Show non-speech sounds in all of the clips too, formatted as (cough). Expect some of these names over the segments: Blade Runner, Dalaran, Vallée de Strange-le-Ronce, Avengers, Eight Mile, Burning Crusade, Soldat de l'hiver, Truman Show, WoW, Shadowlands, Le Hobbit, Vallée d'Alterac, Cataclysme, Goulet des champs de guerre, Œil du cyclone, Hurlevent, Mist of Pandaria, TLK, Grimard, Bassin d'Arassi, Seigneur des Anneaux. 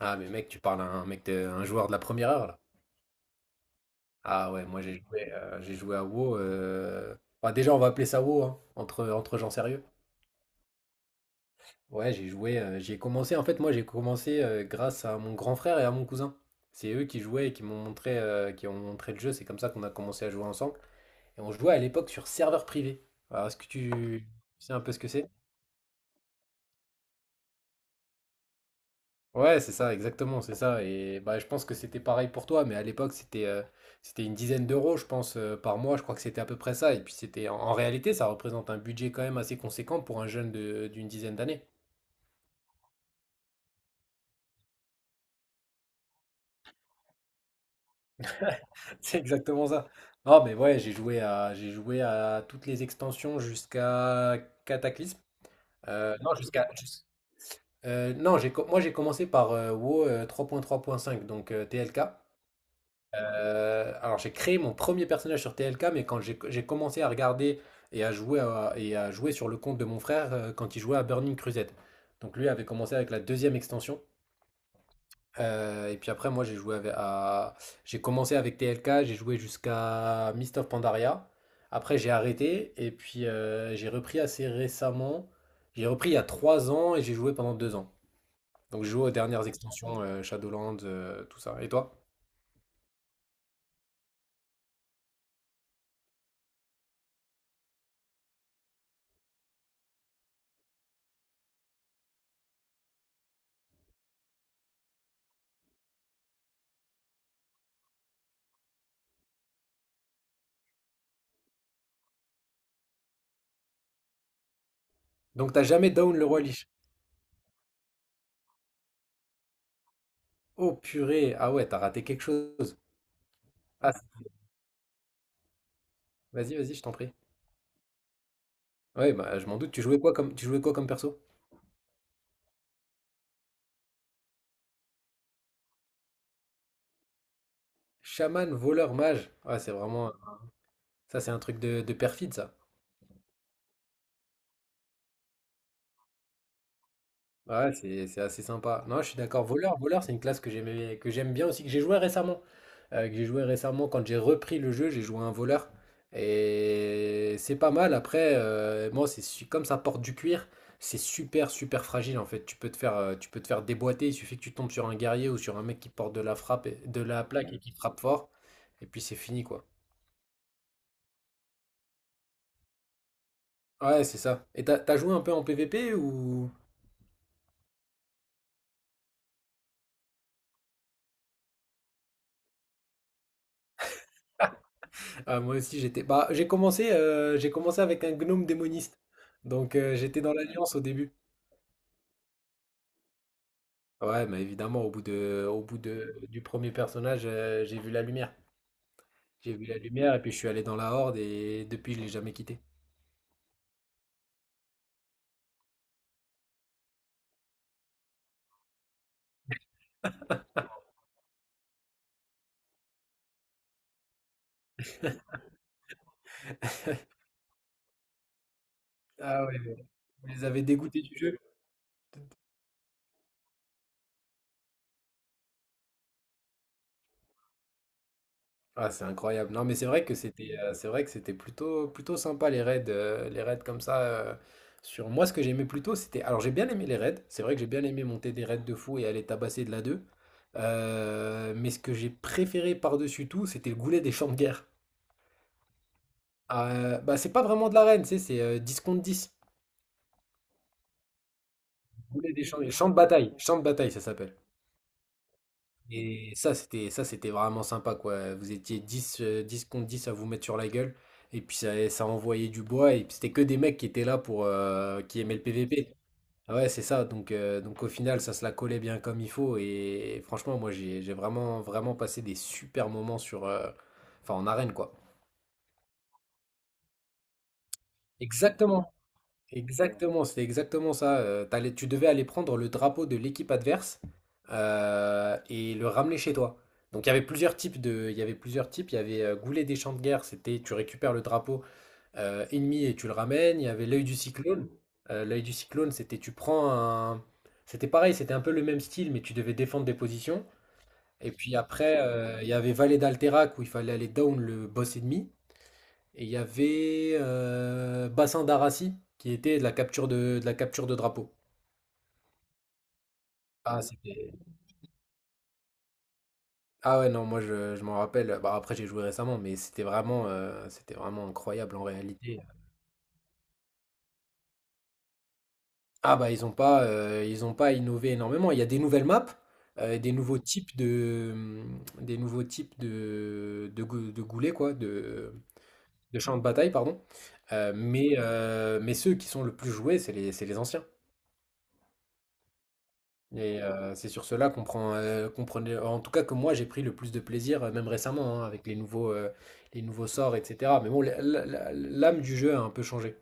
Ah mais mec, tu parles à un mec de, un joueur de la première heure là. Ah ouais, moi j'ai joué à WoW. Déjà on va appeler ça WoW, hein, entre gens sérieux. Ouais, j'ai joué, j'ai commencé. En fait, moi j'ai commencé grâce à mon grand frère et à mon cousin. C'est eux qui jouaient et qui m'ont montré, qui ont montré le jeu. C'est comme ça qu'on a commencé à jouer ensemble. Et on jouait à l'époque sur serveur privé. Alors, est-ce que tu sais un peu ce que c'est? Ouais, c'est ça, exactement, c'est ça. Et bah, je pense que c'était pareil pour toi, mais à l'époque, c'était une dizaine d'euros, je pense, par mois. Je crois que c'était à peu près ça. Et puis, c'était en réalité, ça représente un budget quand même assez conséquent pour un d'une dizaine d'années. (laughs) C'est exactement ça. Non, mais ouais, j'ai joué à toutes les extensions jusqu'à Cataclysme. Non, jusqu'à. Jus- non, j'ai, co- Moi j'ai commencé par WoW 3.3.5, donc TLK. Alors j'ai créé mon premier personnage sur TLK, mais quand j'ai commencé à regarder et à jouer sur le compte de mon frère quand il jouait à Burning Crusade. Donc lui avait commencé avec la deuxième extension. Et puis après moi j'ai joué avec- à J'ai commencé avec TLK, j'ai joué jusqu'à Mist of Pandaria. Après j'ai arrêté et puis j'ai repris assez récemment. J'ai repris il y a 3 ans et j'ai joué pendant 2 ans. Donc j'ai joué aux dernières extensions Shadowlands, tout ça. Et toi? Donc t'as jamais down le roi Lich. Oh purée, ah ouais, t'as raté quelque chose. Ah, vas-y, vas-y, je t'en prie. Ouais, bah je m'en doute, tu jouais quoi comme perso? Chaman, voleur, mage. Ouais, c'est vraiment ça, c'est un truc de perfide ça. Ouais, c'est assez sympa. Non, je suis d'accord. Voleur, c'est une classe que j'aimais, que j'aime bien aussi, que j'ai joué récemment. Quand j'ai repris le jeu, j'ai joué à un voleur. Et c'est pas mal. Après, moi, comme ça porte du cuir, c'est super, super fragile en fait. Tu peux te faire, tu peux te faire déboîter. Il suffit que tu tombes sur un guerrier ou sur un mec qui porte de la plaque et qui frappe fort. Et puis c'est fini quoi. Ouais, c'est ça. Et t'as joué un peu en PVP ou? Ah, moi aussi, j'étais. Bah, j'ai commencé avec un gnome démoniste. Donc, j'étais dans l'Alliance au début. Ouais, mais évidemment, au bout du premier personnage, j'ai vu la lumière. J'ai vu la lumière et puis je suis allé dans la Horde et depuis, je l'ai jamais quitté. Ah ouais, ouais. Vous les avez dégoûtés du jeu? Ah, c'est incroyable. Non, mais c'est vrai que c'est vrai que c'était plutôt plutôt sympa les raids comme ça sur moi ce que j'aimais plutôt c'était alors j'ai bien aimé les raids, c'est vrai que j'ai bien aimé monter des raids de fou et aller tabasser de la deux. Mais ce que j'ai préféré par-dessus tout, c'était le goulet des champs de guerre. Ah, bah c'est pas vraiment de l'arène, tu sais, c'est 10 contre dix. Goulet des champs, champs de bataille, Champs de bataille ça s'appelle. Et ça, c'était vraiment sympa, quoi. Vous étiez 10 10 contre 10 à vous mettre sur la gueule. Et puis ça envoyait du bois. Et puis c'était que des mecs qui étaient là pour qui aimaient le PVP. Ah ouais, c'est ça. Donc au final, ça se la collait bien comme il faut. Et, franchement, moi, j'ai vraiment, vraiment passé des super moments sur, en arène, quoi. Exactement. Exactement, c'est exactement ça. Tu devais aller prendre le drapeau de l'équipe adverse et le ramener chez toi. Donc il y avait plusieurs types. Il y avait Goulet des champs de guerre, c'était tu récupères le drapeau ennemi et tu le ramènes. Il y avait l'œil du cyclone. L'œil du cyclone, c'était pareil, c'était un peu le même style, mais tu devais défendre des positions. Et puis après, il y avait Vallée d'Alterac où il fallait aller down le boss ennemi. Et il y avait Bassin d'Arassi qui était de la capture de la capture de drapeau. Ah, c'était... Ah ouais, non, moi je m'en rappelle. Bah, après, j'ai joué récemment, mais c'était vraiment incroyable en réalité. Ah bah, ils ont pas innové énormément. Il y a des nouvelles maps, des nouveaux types de goulets, de champs de bataille, pardon. Mais ceux qui sont le plus joués, c'est les anciens. Et c'est sur cela qu'on prenait en tout cas, que moi j'ai pris le plus de plaisir, même récemment, hein, avec les nouveaux sorts et cetera. Mais bon, la la la l'âme du jeu a un peu changé.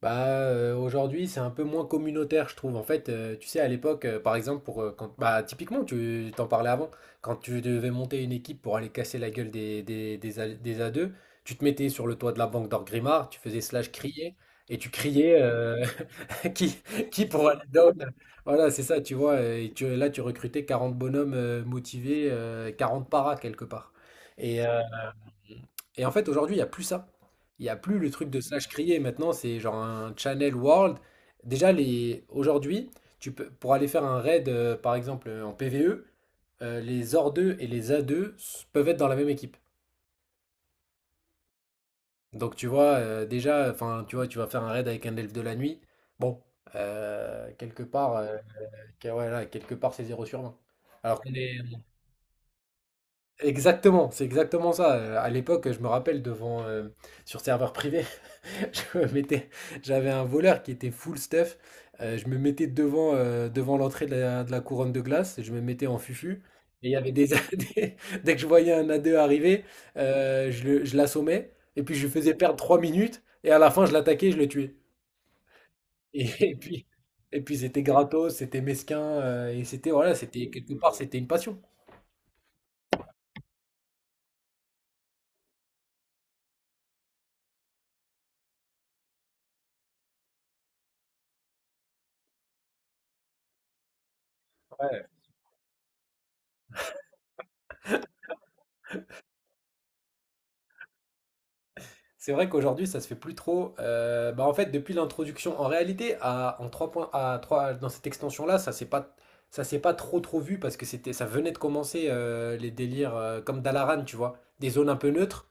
Bah, aujourd'hui, c'est un peu moins communautaire, je trouve. En fait, tu sais, à l'époque, par exemple, typiquement, tu t'en parlais avant, quand tu devais monter une équipe pour aller casser la gueule des A des A2, tu te mettais sur le toit de la banque d'Orgrimmar, tu faisais slash crier et tu criais, heu. (laughs) Qui, qui pour aller down? Voilà, c'est ça, tu vois. Et tu recrutais 40 bonhommes motivés, 40 paras quelque part. Et, euh, En fait, aujourd'hui, il n'y a plus ça. Il n'y a plus le truc de slash crier. Maintenant, c'est genre un channel world. Déjà, les... aujourd'hui, tu peux... pour aller faire un raid, par exemple, en PvE, les or deux et les peuvent être dans la même équipe. Donc, tu vois, tu vois, tu vas faire un raid avec un elfe de la nuit. Bon, quelque part. Euh, ok, ouais, là, quelque part, c'est zéro sur 20. Alors qu'on est... Exactement, c'est exactement ça. À l'époque, je me rappelle devant sur serveur privé, (laughs) je me mettais, j'avais un voleur qui était full stuff. Je me mettais devant, devant l'entrée de la couronne de glace, et je me mettais en fufu. Et il y avait (laughs) des- dès que je voyais un A2 arriver, je l'assommais, et puis je lui faisais perdre 3 minutes, et à la fin, je l'attaquais, je le tuais. Et, (laughs) et puis c'était gratos, c'était mesquin, et c'était voilà, c'était quelque part, c'était une passion. Ouais. C'est vrai qu'aujourd'hui, ça se fait plus trop. Bah en fait, depuis l'introduction, en 3 points, à 3 dans cette extension-là, ça s'est pas trop trop vu parce que ça venait de commencer les délires comme Dalaran, tu vois, des zones un peu neutres.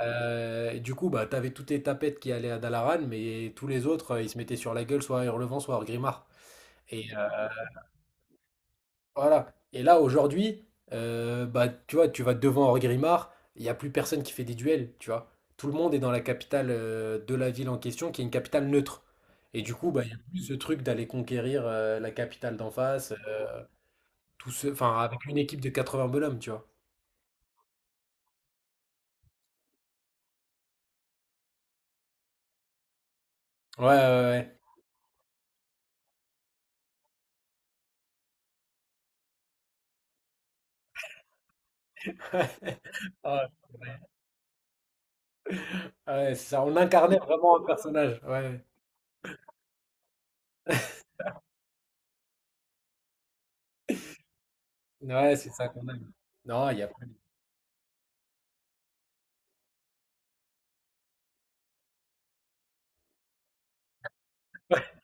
Et du coup, bah, t'avais toutes les tapettes qui allaient à Dalaran, mais tous les autres, ils se mettaient sur la gueule, soit à Hurlevent, soit à Grimard. Et, euh, Voilà. Et là, aujourd'hui, bah, tu vois, tu vas devant Henri Grimard, il n'y a plus personne qui fait des duels, tu vois. Tout le monde est dans la capitale de la ville en question, qui est une capitale neutre. Et du coup, bah, il n'y a plus ce truc d'aller conquérir la capitale d'en face, avec une équipe de 80 bonhommes, tu vois. Ouais, ouais, ouais. (laughs) Ouais, ouais, c'est ça. On incarnait vraiment un personnage. Ouais, Ouais, c'est ça qu'on aime. Non, il n'y a plus.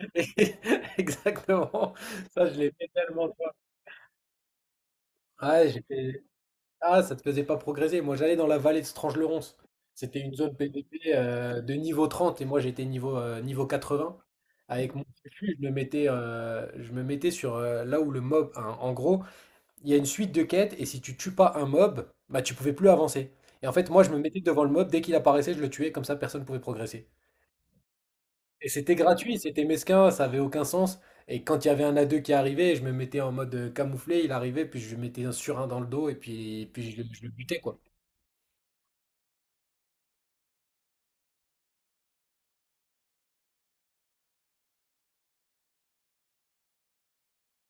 (laughs) Exactement. Ça, je l'ai fait tellement de fois. Ouais, j'ai fait- Ah, ça te faisait pas progresser. Moi, j'allais dans la vallée de Strange-le-Ronce. C'était une zone PVP de niveau 30 et moi j'étais niveau, niveau 20. Avec mon fufu, je me mettais sur là où le mob. Hein, en gros, il y a une suite de quêtes et si tu tues pas un mob, bah tu pouvais plus avancer. Et en fait, moi je me mettais devant le mob, dès qu'il apparaissait, je le tuais, comme ça personne pouvait progresser. Et c'était gratuit, c'était mesquin, ça avait aucun sens. Et quand il y avait un a deux qui arrivait, je me mettais en mode camouflé, il arrivait, puis je lui mettais un surin dans le dos et puis, puis je le butais quoi.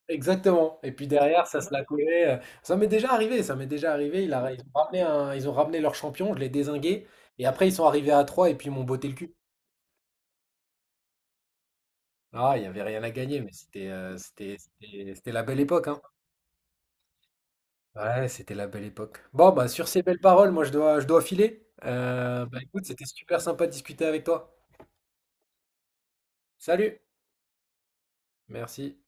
Exactement. Et puis derrière, ça se la collait. Ça m'est déjà arrivé, ça m'est déjà arrivé. Il a- ils ont ramené un- Ils ont ramené leur champion, je l'ai dézingué. Et après, ils sont arrivés à 3. Et puis ils m'ont botté le cul. Ah, il n'y avait rien à gagner, mais c'était c'était la belle époque, hein. Ouais, c'était la belle époque. Bon, bah sur ces belles paroles, moi je dois filer. Bah écoute, c'était super sympa de discuter avec toi. Salut. Merci.